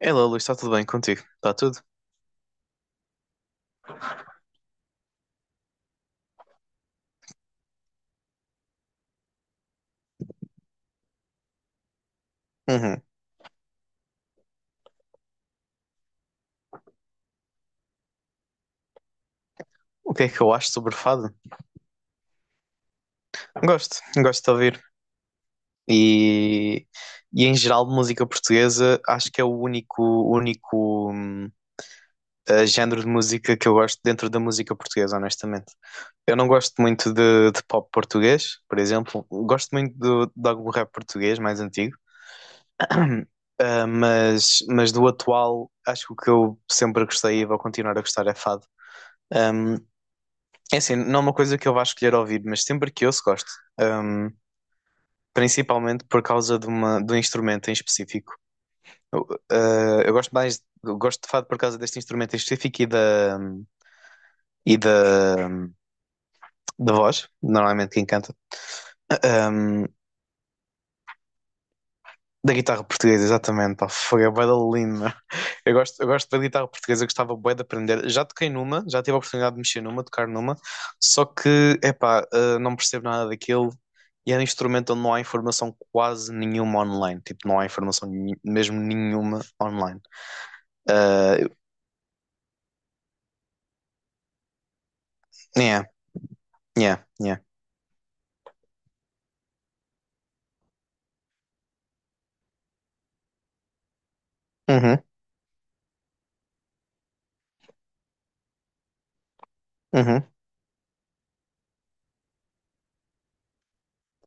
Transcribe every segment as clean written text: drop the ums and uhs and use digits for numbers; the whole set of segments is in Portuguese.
Hello, Luís, está tudo bem contigo? Está tudo? Uhum. O que é que eu acho sobre fado? Gosto, gosto de ouvir. E, e em geral, música portuguesa, acho que é o único, único hum, género de música que eu gosto dentro da música portuguesa, honestamente. Eu não gosto muito de pop português, por exemplo. Gosto muito do, de algum rap português mais antigo. Mas do atual, acho que o que eu sempre gostei e vou continuar a gostar é fado. Hum, É assim, não é uma coisa que eu vá escolher ouvir, mas sempre que ouço gosto. Ahm, Principalmente por causa de, uma, de um instrumento em específico. Eu gosto mais, eu gosto de fado por causa deste instrumento em específico e da voz, normalmente quem canta. Ahm, Da guitarra portuguesa, exatamente. Pá, fogo, é bué da. Eu gosto da guitarra portuguesa, gostava bué de aprender. Já toquei numa, já tive a oportunidade de mexer numa, tocar numa, só que, não percebo nada daquilo e é um instrumento onde não há informação quase nenhuma online. Tipo, não há mesmo nenhuma online. Uh, yeah, yeah, yeah. Uhum, uhum.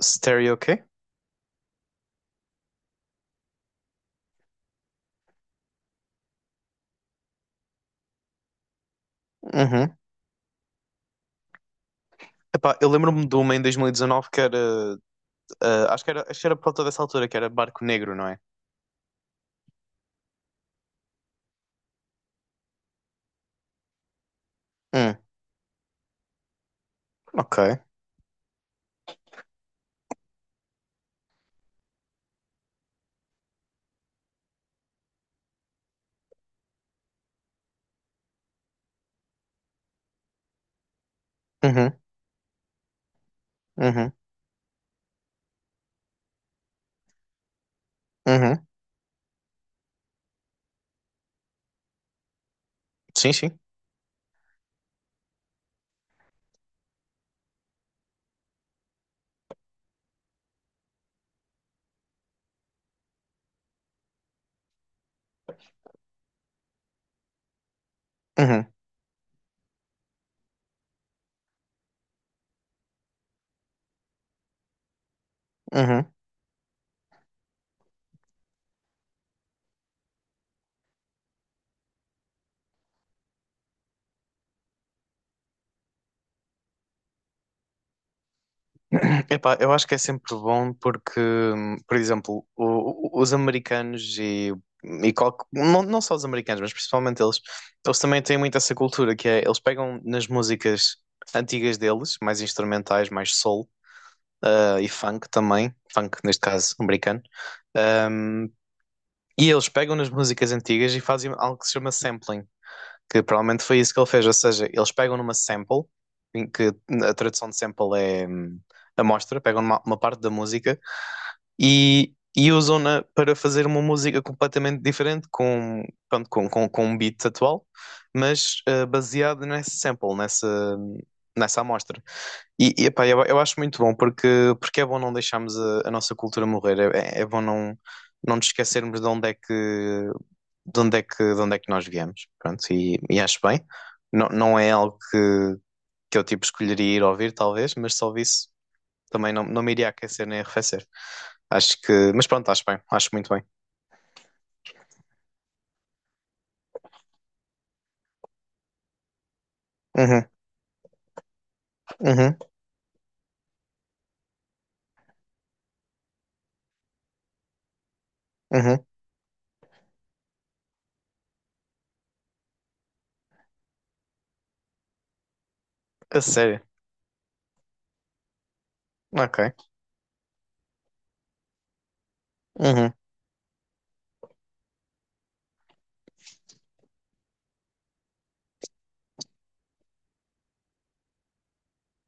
Stereo, ok? Uhum. Epá, eu lembro-me de uma em 2019 que era, acho que era por volta dessa altura, que era Barco Negro, não é? Hum, ok. Uhum, uhum, uhum. Sim, sim. Uhum, uhum. Epá, eu acho que é sempre bom porque, por exemplo, os americanos não, não só os americanos, mas principalmente eles, eles também têm muito essa cultura que é, eles pegam nas músicas antigas deles, mais instrumentais, mais soul, e funk também, funk neste caso americano, ahm, e eles pegam nas músicas antigas e fazem algo que se chama sampling, que provavelmente foi isso que ele fez, ou seja, eles pegam numa sample, em que a tradução de sample é amostra, pegam numa, uma parte da música e usam-na para fazer uma música completamente diferente, com, pronto, com um beat atual, mas baseado nessa sample, nessa amostra. E, eu acho muito bom, porque, porque é bom não deixarmos a nossa cultura morrer, é, é é bom não, não nos esquecermos de onde é que nós viemos, pronto, e acho bem. Não, não é algo que eu tipo escolheria ir ouvir, talvez, mas se ouvisse também não, não me iria aquecer nem arrefecer. Acho que, mas pronto, acho bem, acho muito bem. Uhum, uhum, uhum. A sério, ok, uhum.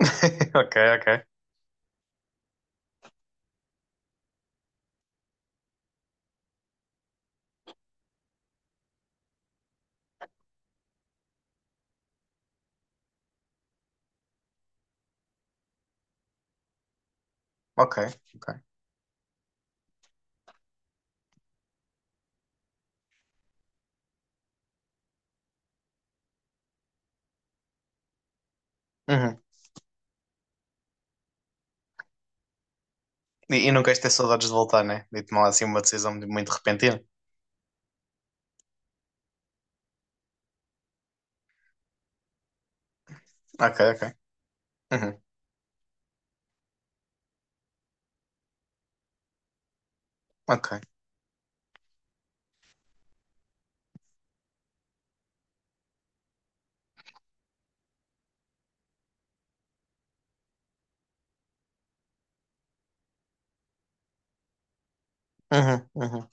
Ok, ok, ok, ok. Uhum. E não queres ter saudades de voltar, né? De tomar assim uma decisão muito, muito repentina. Ok, ok. Uhum, ok. Uhum, uhum.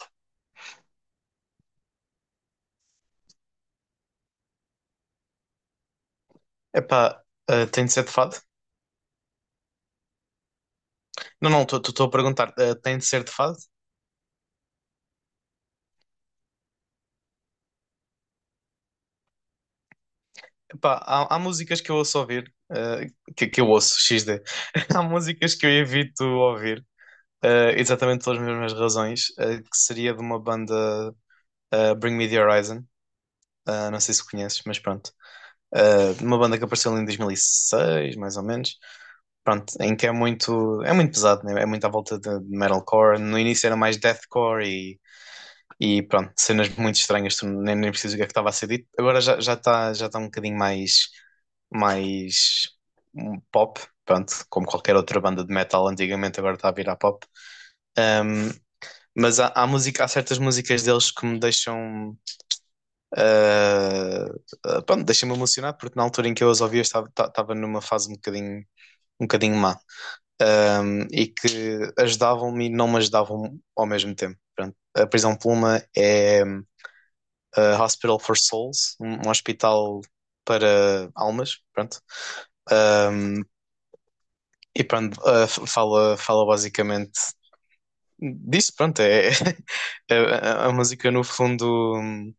Epá, tem de ser de fado? Não, não, estou a perguntar, tem de ser de fado? Pá, há, há músicas que eu ouço ouvir, que eu ouço, XD. Há músicas que eu evito ouvir, exatamente pelas mesmas razões, que seria de uma banda, Bring Me The Horizon, não sei se conheces, mas pronto. Uma banda que apareceu ali em 2006, mais ou menos. Pronto, em que é muito pesado, né? É muito à volta de metalcore. No início era mais deathcore e pronto, cenas muito estranhas, tu nem, nem preciso ver o que é que estava a ser dito. Agora já está um bocadinho mais, mais pop, pronto, como qualquer outra banda de metal antigamente, agora está a virar pop. Ahm, mas há, há, música, há certas músicas deles que me deixam. ah, Pronto, deixam-me emocionado, porque na altura em que eu as ouvia estava numa fase um bocadinho má. E que ajudavam-me e não me ajudavam ao mesmo tempo. Pronto. A Prisão Pluma é Hospital for Souls, um hospital para almas, pronto. Um, e pronto, fala, fala basicamente disso, pronto, é, é a música no fundo um,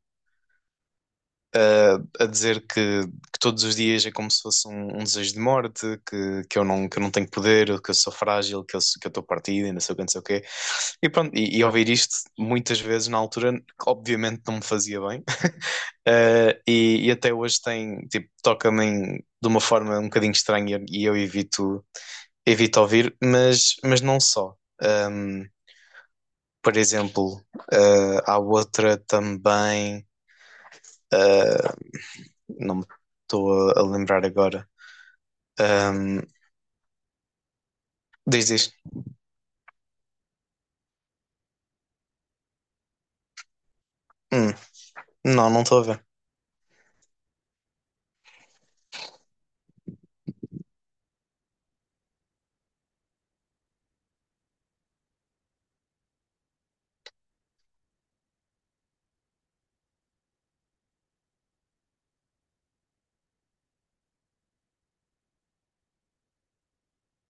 a, dizer que todos os dias é como se fosse um, um desejo de morte, que eu não tenho poder, que eu sou frágil, que eu estou partido e não sei o que, não sei o quê. E pronto, e ouvir isto muitas vezes na altura, obviamente não me fazia bem. E, e até hoje tem, tipo, de uma forma um bocadinho estranha e eu evito, evito ouvir, mas não só. Um, por exemplo, há outra também, uh, não me estou a lembrar agora. Um, Diz, diz. Hum, não, não estou a ver.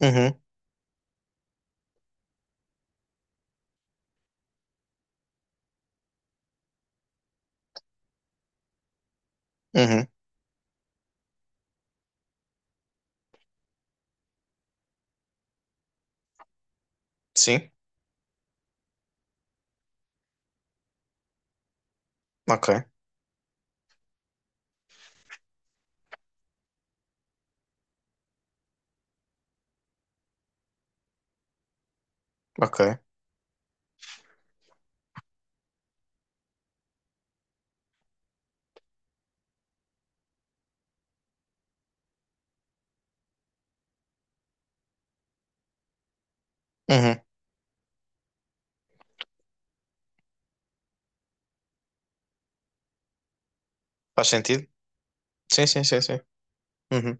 Uhum, uhum. Sim, ok, ok. Uhum. Faz sentido? Sim, sim, sim, sim. Uhum.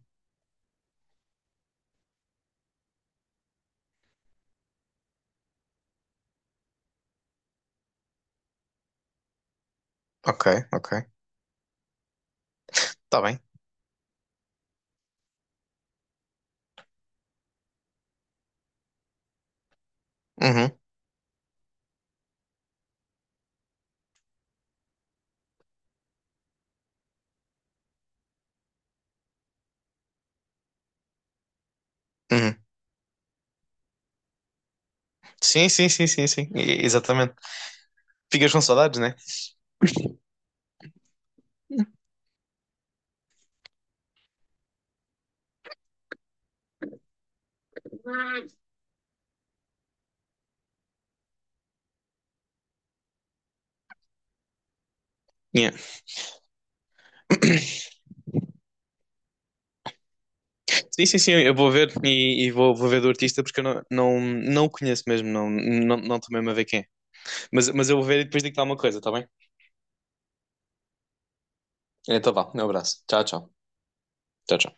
Ok, ok. Tá bem. Uhum, uhum. Sim, sim, sim, sim, sim. E- exatamente. Ficas com saudades, né? Yeah. Sim, sim, sim, eu vou ver e vou, vou ver do artista porque eu não, não, não o conheço mesmo, não, não, não estou mesmo a ver quem é. Mas eu vou ver e depois digo-te alguma coisa, está bem? Então vá, um abraço. Tchau, tchau. Tchau, tchau.